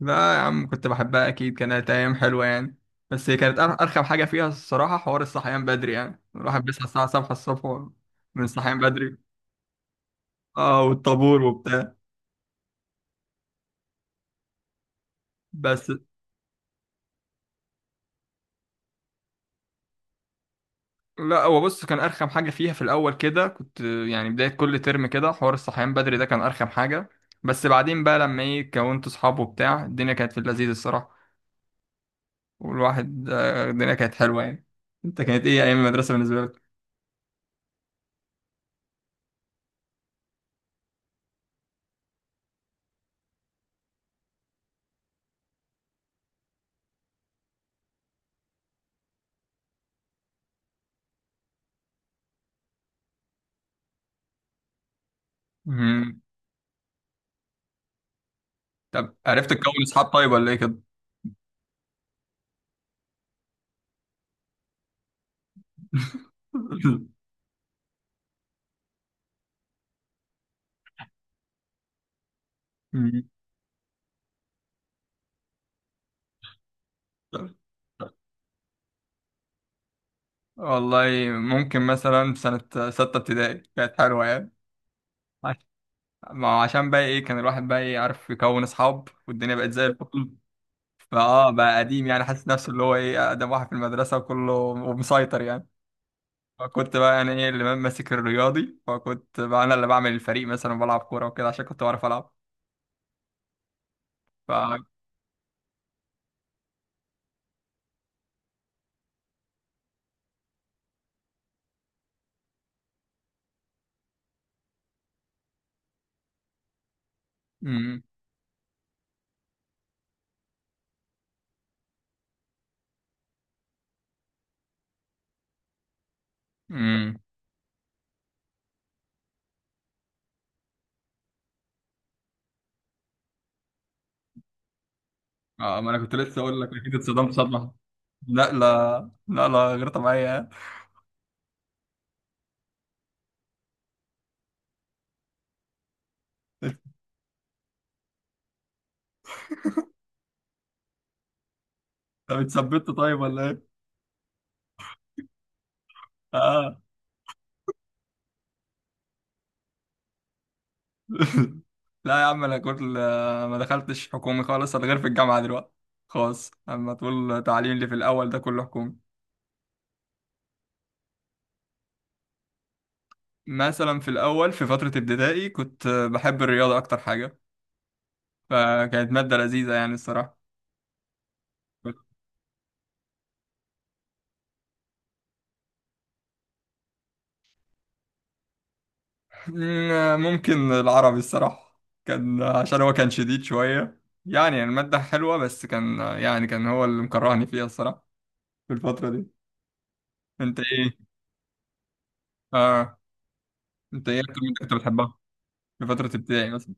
لا يا عم، كنت بحبها، اكيد كانت ايام حلوه يعني. بس هي كانت ارخم حاجه فيها الصراحه، حوار الصحيان بدري، يعني الواحد بيصحى الساعه 7 الصبح. من الصحيان بدري. اه، والطابور وبتاع. بس لا، هو بص، كان ارخم حاجه فيها في الاول كده، كنت يعني بدايه كل ترم كده حوار الصحيان بدري ده كان ارخم حاجه. بس بعدين بقى لما ايه كونت اصحابه وبتاع، الدنيا كانت في اللذيذ الصراحه. والواحد، الدنيا كانت حلوه يعني. انت كانت ايه ايام المدرسه بالنسبه لك؟ مم. طب عرفت تكون اصحاب طيب ولا ايه كده؟ مم. والله ممكن مثلا في سنة ستة ابتدائي كانت حلوة يعني. عش- ما هو عشان بقى ايه كان الواحد بقى ايه عارف يكون اصحاب، والدنيا بقت زي الفل. فاه بقى قديم، يعني حاسس نفسه اللي هو ايه اقدم واحد في المدرسة وكله ومسيطر يعني. فكنت بقى يعني ايه اللي ماسك الرياضي، فكنت بقى انا اللي بعمل الفريق مثلا وبلعب كورة وكده عشان كنت بعرف العب. ف امم امم اه. ما انا كنت لسه اقول لك اكيد اتصدمت صدمة. لا لا لا لا، غير طبيعية. طب اتثبت طيب ولا ايه؟ اه. لا يا عم، انا كنت ما دخلتش حكومي خالص، انا غير في الجامعه دلوقتي خاص. اما تقول تعليم اللي في الاول ده كله حكومي. مثلا في الاول في فتره ابتدائي كنت بحب الرياضه اكتر حاجه. فكانت ماده لذيذه يعني الصراحه. مم، ممكن العربي الصراحه كان عشان هو كان شديد شويه، يعني الماده حلوه بس كان هو اللي مكرهني فيها الصراحه في الفتره دي. انت ايه اه انت ايه اكتر ماده كنت بتحبها في فترة ابتدائي مثلا؟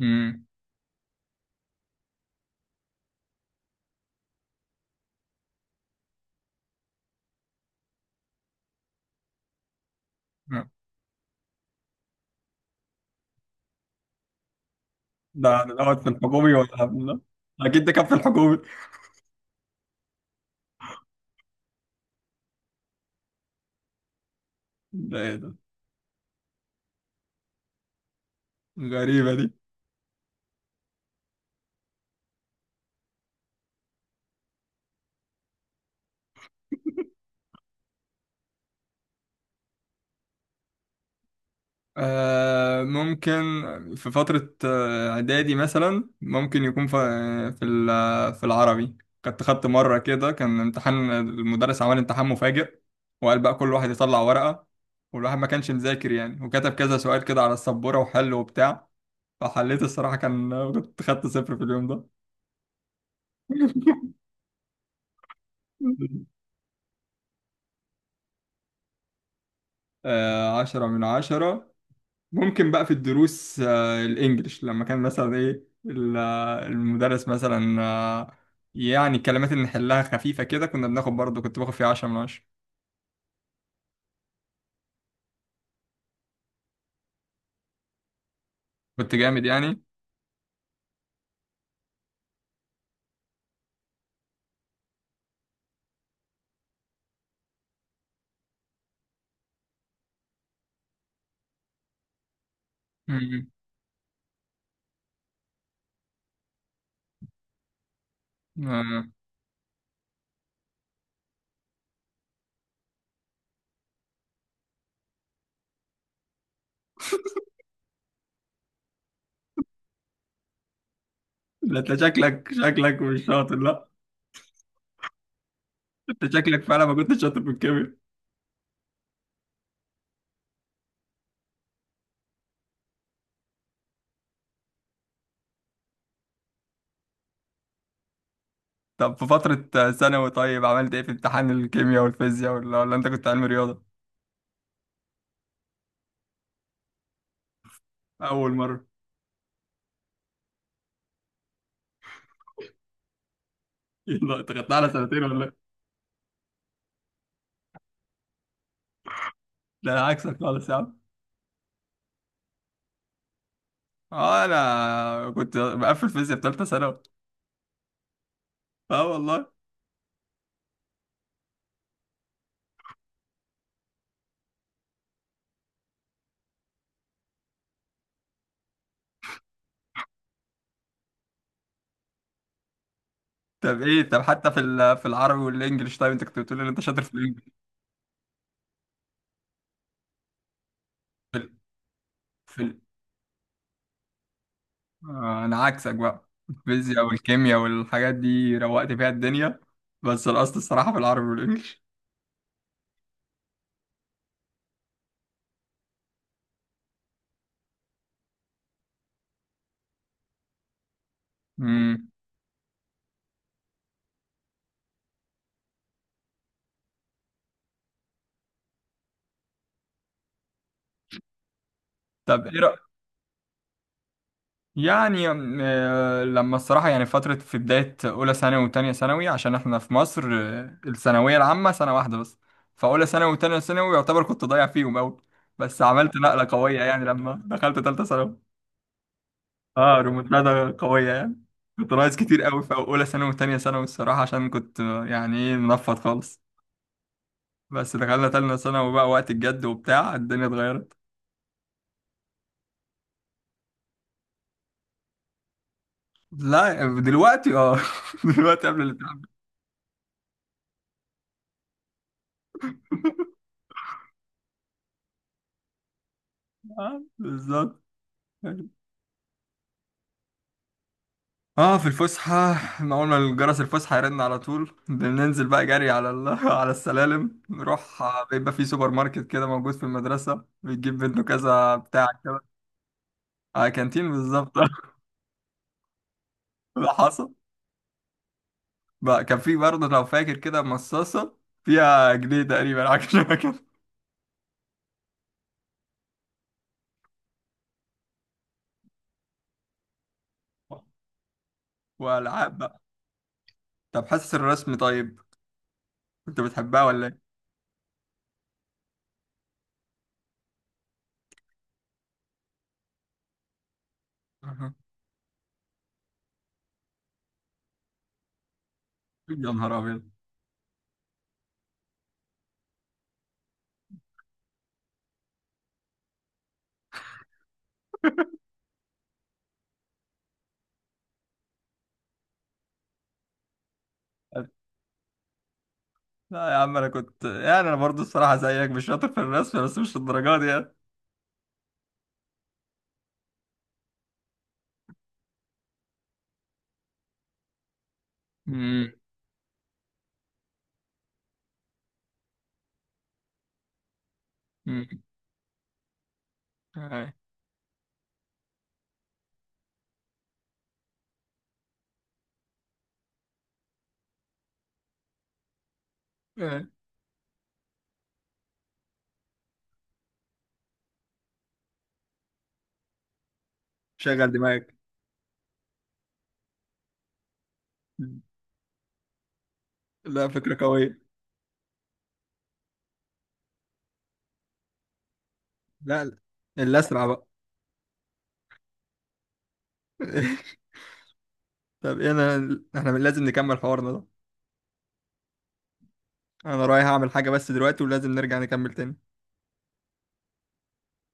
امم. ده دوت في الحكومي ولا قبل ده؟ أكيد ده كان في الحكومي. ده إيه ده؟ غريبة دي. ممكن في فترة إعدادي مثلا، ممكن يكون في العربي. كنت خدت مرة كده، كان امتحان، المدرس عمل امتحان مفاجئ وقال بقى كل واحد يطلع ورقة. والواحد ما كانش مذاكر يعني، وكتب كذا سؤال كده على السبورة وحل وبتاع. فحليت الصراحة، كنت خدت صفر في اليوم ده. آه، 10 من 10. ممكن بقى في الدروس الإنجليش، لما كان مثلا إيه ال- آه، المدرس مثلا يعني الكلمات اللي نحلها خفيفة كده، كنا بناخد برضه، كنت باخد فيها 10 من 10. كنت جامد يعني. مم. آه. لا، أنت شكلك مش شاطر. لا، أنت شكلك فعلا ما كنتش شاطر في الكيمياء. طب في فترة ثانوي، طيب عملت إيه في امتحان الكيمياء والفيزياء، ولا أنت كنت علم رياضة؟ أول مرة؟ يلا، أنت خدتها على سنتين ولا إيه؟ ده أنا عكسك خالص يا عم. اه، انا كنت بقفل فيزياء في ثالثه ثانوي. اه والله. طب حتى في العربي والانجليش، طيب انت كنت بتقول ان انت شاطر في الانجليش. في ال... في ال... آه انا عكسك بقى، الفيزياء والكيمياء والحاجات دي روقت فيها الدنيا. بس القصد الصراحه في العربي والانجليش. امم طب ايه؟ يعني لما الصراحة يعني فترة في بداية أولى ثانوي وتانية ثانوي، عشان إحنا في مصر الثانوية العامة سنة واحدة بس. فأولى ثانوي وتانية ثانوي يعتبر كنت ضايع فيهم أوي. بس عملت نقلة قوية يعني لما دخلت تالتة ثانوي. اه، ريمونتادا قوية يعني. كنت ناقص كتير أوي في أولى ثانوي وتانية ثانوي الصراحة، عشان كنت يعني إيه منفض خالص. بس دخلنا تالتة ثانوي بقى وقت الجد وبتاع، الدنيا اتغيرت. لا دلوقتي اه. دلوقتي قبل الامتحان. بالظبط. اه، في الفسحة. ما اول ما الجرس الفسحة يرن على طول بننزل بقى جري على السلالم، نروح بيبقى في سوبر ماركت كده موجود في المدرسة، بتجيب منه كذا بتاع كده. آه، كانتين بالظبط. ده حصل بقى. كان في برضه لو فاكر كده مصاصة فيها جنيه تقريبا، حاجة شبه كده. والعاب بقى. طب حاسس الرسم، طيب كنت بتحبها ولا ايه؟ يا نهار ابيض. لا يا عم انا كنت يعني انا برضه الصراحة زيك مش شاطر في الرسم، بس مش الدرجات دي يعني. مم. آه. آه. شغل دماغك. لا، فكرة قوية. لا لا. اللي أسرع بقى. طب إيه، إحنا لازم نكمل حوارنا ده. أنا رايح أعمل حاجة بس دلوقتي، ولازم نرجع نكمل تاني.